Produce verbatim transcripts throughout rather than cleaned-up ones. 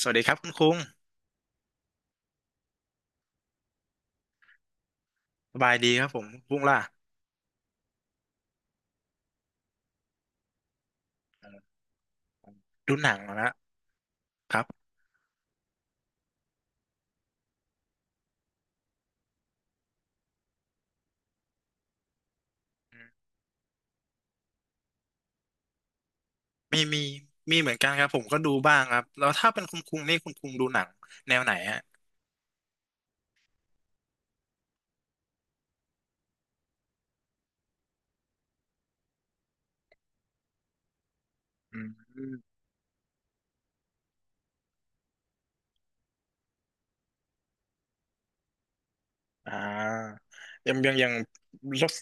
สวัสดีครับคุณคุ้งสบายดีครับผมคุ้งล่ะเอ่อดูหนังเหรอนะครับอืมมีมีมีเหมือนกันครับผมก็ดูบ้างครับแล้วถ้าเป็นคุณคุ้งนี่คุณคุ้งดูหนังแนวไหนฮะอืมอ่ายังยังยัง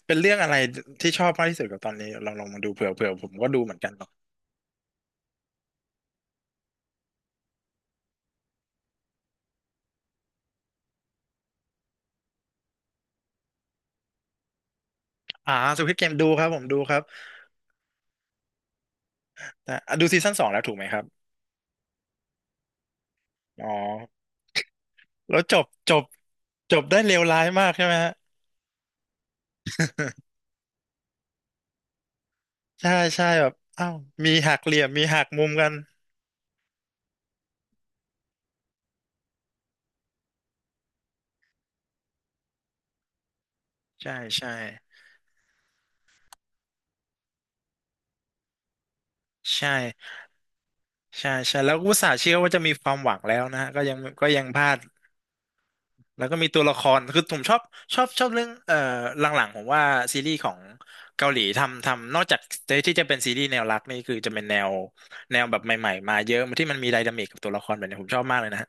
เป็นเรื่องอะไรที่ชอบมากที่สุดกับตอนนี้ลองลองมาดูเผื่อเผื่อผมก็ดูเหมือนกันเนาะอ่าสควิดเกมดูครับผมดูครับแต่อ่ะดูซีซั่นสองแล้วถูกไหมครับอ๋อแล้วจบจบจบได้เลวร้ายมากใช่ไหมฮะ ใช่ใช่แบบอ้าวมีหักเหลี่ยมมีหักมุมกัน ใช่ใช่ใช่ใช่ใช่แล้วอุตส่าห์เชื่อว่าจะมีความหวังแล้วนะฮะก็ยังก็ยังพลาดแล้วก็มีตัวละครคือผมชอบชอบชอบเรื่องเอ่อหลังๆผมว่าซีรีส์ของเกาหลีทำทำนอกจากที่จะเป็นซีรีส์แนวรักนี่คือจะเป็นแนวแนวแบบใหม่ๆมาเยอะที่มันมีไดนามิกกับตัวละครแบบนี้ผมชอบมากเลยนะฮะ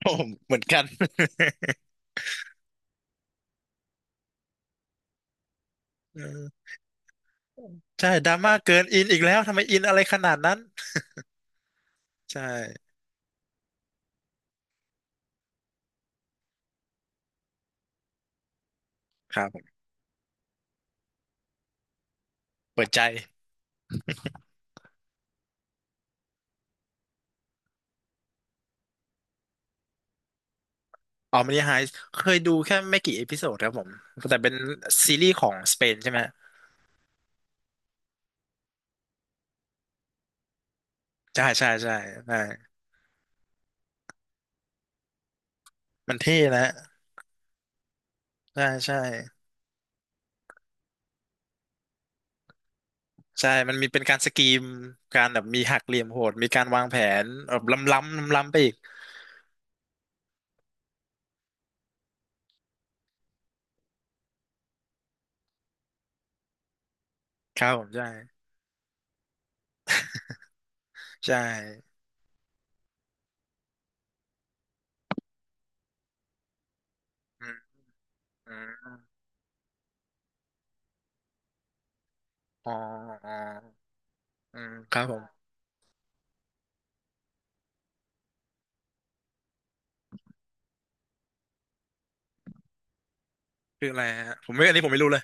โอ้ผมเหมือนกัน เออใช่ดราม่าเกินอินอีกแล้วทำไมอินอะไรขนาดนั้นใช่ครับผมเปิดใจ อ๋อมันยังไฮเคยดูแค่ไม่กี่เอพิโซดครับผมแต่เป็นซีรีส์ของสเปนใช่ไหมใช่ใช่ใช่ใช่มันเท่นะใช่ใช่ใช่มันมีเป็นการสกรีมการแบบมีหักเหลี่ยมโหดมีการวางแผนแบบล้ำล้ำล้ำล้ำไปอีกครับผมใช่ใช่อืมอืมอ๋ออ๋ออืมครับผมคืออะไรฮะผมไม่อันนี้ผมไม่รู้เลย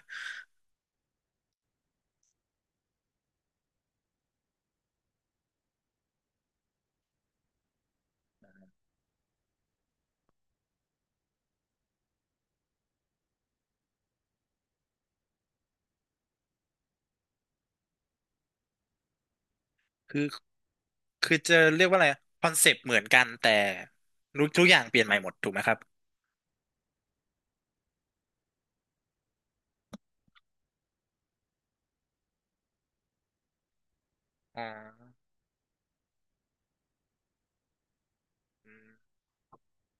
คือคือจะเรียกว่าอะไรคอนเซปต์เหมือนกันแต่รู้ทุกอย่างเปลี่ยนใหม่หมดถูกไหมครับอ๋ออืม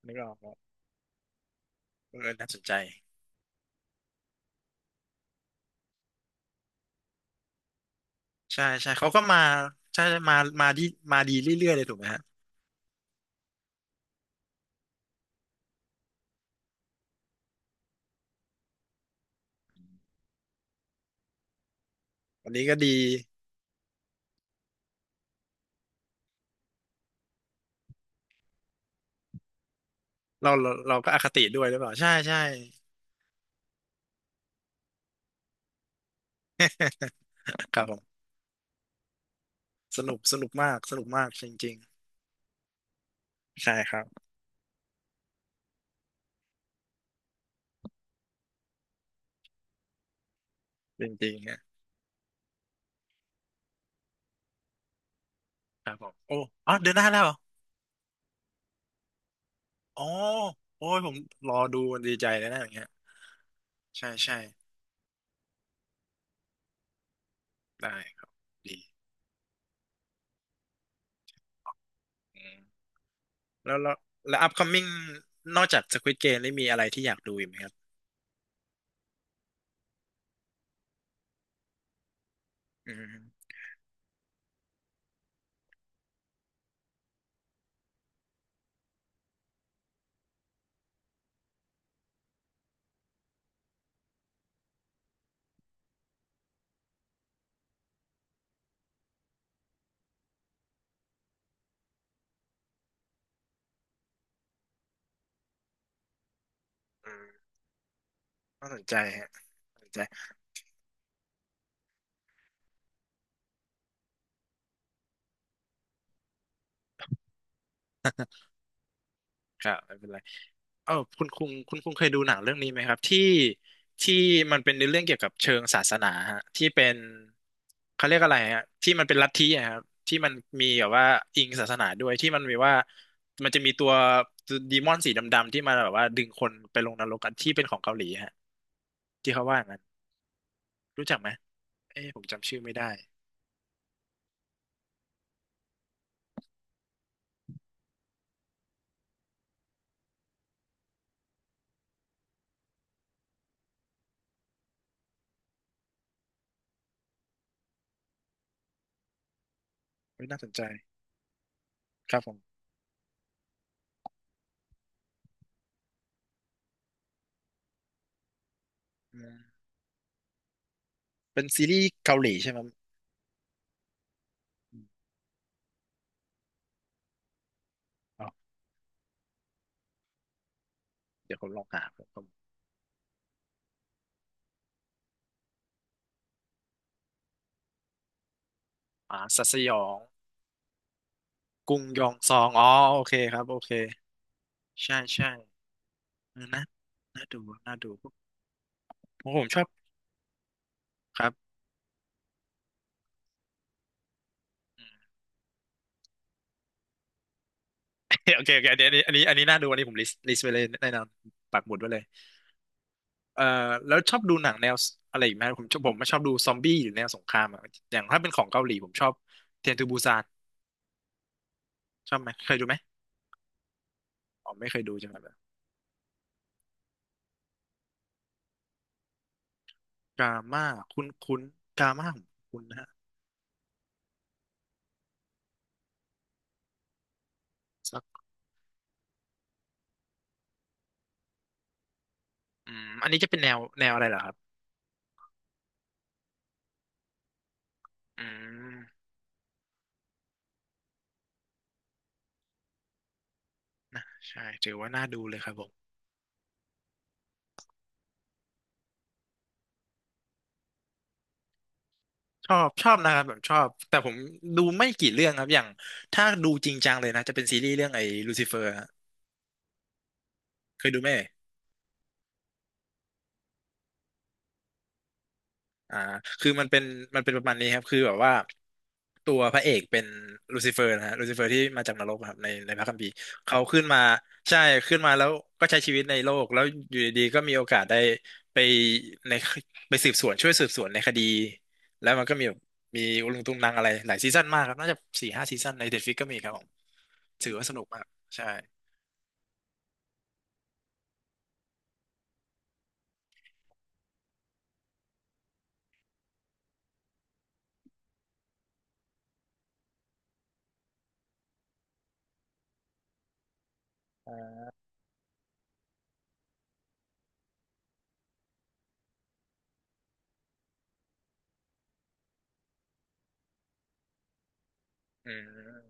นึกออก เออน่าสนใจใช่ใช่เขาก็มาใช่มามาดีมาดีเรื่อยๆเลยถูกไหมฮะวันนี้ก็ดีเราเราเราก็อคติด้วยหรือเปล่าใช่ใช่ ครับผมสนุกสนุกมากสนุกมากจริงๆใช่ครับจริงๆฮะครับผมโอ้อ๋อเดือนหน้าแล้วเหรออ๋อโอ้ยผมรอดูดีใจเลยนะอย่างเงี้ยใช่ใช่ได้ครับดีอืมแล้วแล้วแล้ว upcoming นอกจาก Squid Game ได้มีอะไรที่อยากดูอีกไหมครับอืมอืมน่าสนใจฮะ ครับไม่เป็นไรเออคุณคุงคุณคุงเคยดูหนังเรื่องนี้ไหมครับที่ที่มันเป็นในเรื่องเกี่ยวกับเชิงศาสนาฮะที่เป็นเขาเรียกอะไรฮะที่มันเป็นลัทธิอะครับที่มันมีแบบว่าอิงศาสนาด้วยที่มันมีว่ามันจะมีตัวดีมอนสีดำๆที่มาแบบว่าดึงคนไปลงนรกกันที่เป็นของเกาหลีฮะที่เขาว่าอย่างนั้นรู้จักไหมเอ๊ะผมจำชื่อไม่ได้ไม่น่าสนใจครับผมอืมเป็นซีรีส์เกาหลีใช่ไหมอืมอ๋อเดี๋ยวผมลองหาผมผมอ่าสัตว์สยอง กรุงยองซองอ๋อโอเคครับโอเคใช่ใช่เออนะน่าดูน่าดูเพราะผมชอบครับ อืมโอเคโอเคอันนี้อันนี้อันนี้อันนี้น่าดูอันนี้ผมลิสต์ลิสต์ไว้เลยแน่นอนปักหมุดไว้เลยเอ่อแล้วชอบดูหนังแนวอะไรอีกไหมผมชอบผมชอบดูซอมบี้หรือแนวสงครามอะอย่างถ้าเป็นของเกาหลีผมชอบเทรนทูบูซานชอบไหมเคยดูไหมอ๋อไม่เคยดูจังเลยกาม่าคุ้นคุ้นกาม่าของคุณนะฮะสักอืมอันนี้จะเป็นแนวแนวอะไรเหรอครับอืมนะใช่ถือว่าน่าดูเลยครับผม ชอบชอบนะครับแบบชอบแต่ผมดูไม่กี่เรื่องครับอย่างถ้าดูจริงจังเลยนะจะเป็นซีรีส์เรื่องไอ้ลูซิเฟอร์ฮะเคยดูไหมเอ่ยอ่าคือมันเป็นมันเป็นประมาณนี้ครับคือแบบว่าตัวพระเอกเป็นลูซิเฟอร์นะฮะลูซิเฟอร์ที่มาจากนรกครับในในพระคัมภีร์เขาขึ้นมาใช่ขึ้นมาแล้วก็ใช้ชีวิตในโลกแล้วอยู่ดีๆก็มีโอกาสได้ไปในไปสืบสวนช่วยสืบสวนในคดีแล้วมันก็มีแบบมีอุลุงตุงนังอะไรหลายซีซั่นมากครับน่าจะสี่ห้าซีซั่นในเด็ดฟิกก็มีครับผมถือว่าสนุกมากใช่ อืม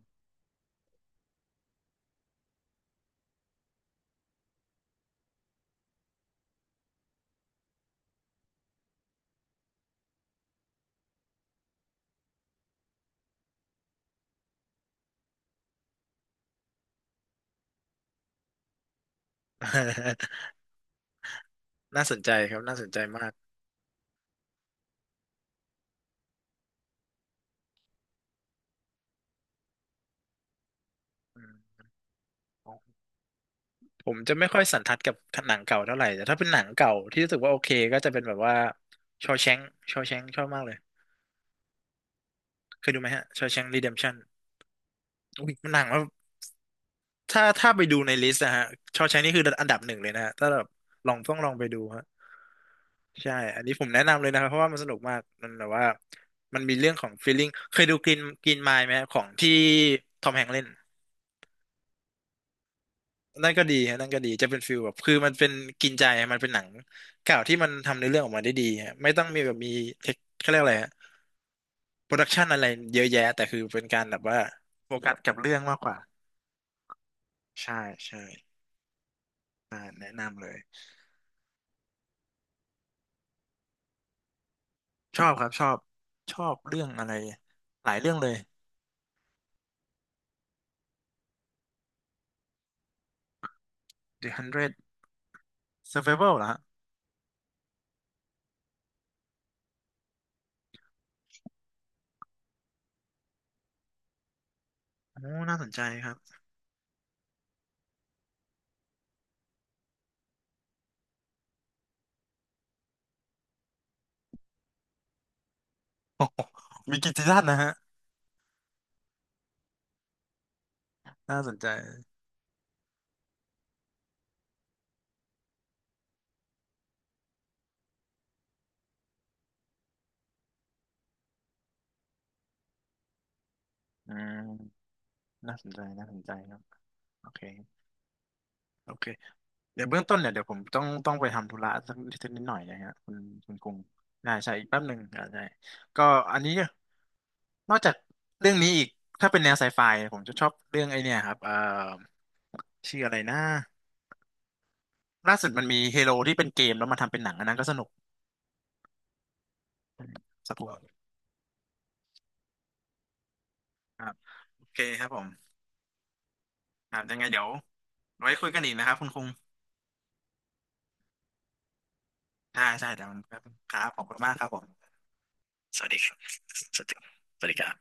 น่าสนใจครับน่าสนใจมากอืมผมจะไม่ค่อยสันทัดกับหนังเก่าเท่าไหร่แต่ถ้าเป็นหนังเก่าที่รู้สึกว่าโอเคก็จะเป็นแบบว่าชอแชงชอแชงชอบมากเลยเคยดูไหมฮะชอแชงรีเดมชั่นอุ้ยมันหนังว่าถ้าถ้าไปดูในลิสต์นะฮะชอแชงนี่คืออันดับหนึ่งเลยนะฮะถ้าแบบลองต้องลองไปดูฮะใช่อันนี้ผมแนะนำเลยนะครับเพราะว่ามันสนุกมากมันแบบว่ามันมีเรื่องของ feeling เคยดูกรีนกรีนไมล์ไหมฮะของที่ทอมแฮงค์เล่น นั่นก็ดีฮะนั่นก็ดีจะเป็นฟิลแบบคือมันเป็นกินใจมันเป็นหนังเก่าที่มันทำในอเรื่องออกมาได้ดีฮะไม่ต้องมีแบบมีเทคเขาเรียกอะไรฮะโปรดักชันอะไรเยอะแยะแต่คือเป็นการแบบว่าโฟกัสกับเรื่องมากกว่าใช่ใช่อ่าแนะนำเลยชอบครับชอบชอบเรื่องอะไรหลายเรื่องเลย The Hundred Survival เหรอฮะโอ้น่าสนใจครับ โอ้โหมีกี่ซีซั่นนะฮะน่าสนใจอืมน่าสนใจน่าสนใจครับโอเคโอเค เดี๋ยวเบื้องต้นเนี่ยเดี๋ยวผมต้องต้องไปทำธุระสักนิดนิดหน่อยนะฮะคุณคุณกรุงได้ใช่อีกแป๊บหนึ่งอ่าได้ก็อันนี้นอกจากเรื่องนี้อีกถ้าเป็นแนวไซไฟผมจะชอบเรื่องไอเนี่ยครับเอ่อชื่ออะไรนะล่าสุดมันมีเฮโ o ที่เป็นเกมแล้วมาทำเป็นหนังอันนั้นก็สนุกสักพักครับโอเคครับผมครับยังไงเดี๋ยวไว้คุยกันอีกนะครับคุณกุงใช่ใช่เดี๋ยวมันแป๊บนึงครับขอบคุณมากครับผมสวัสดีครับสวัสดีสวัสดีครับ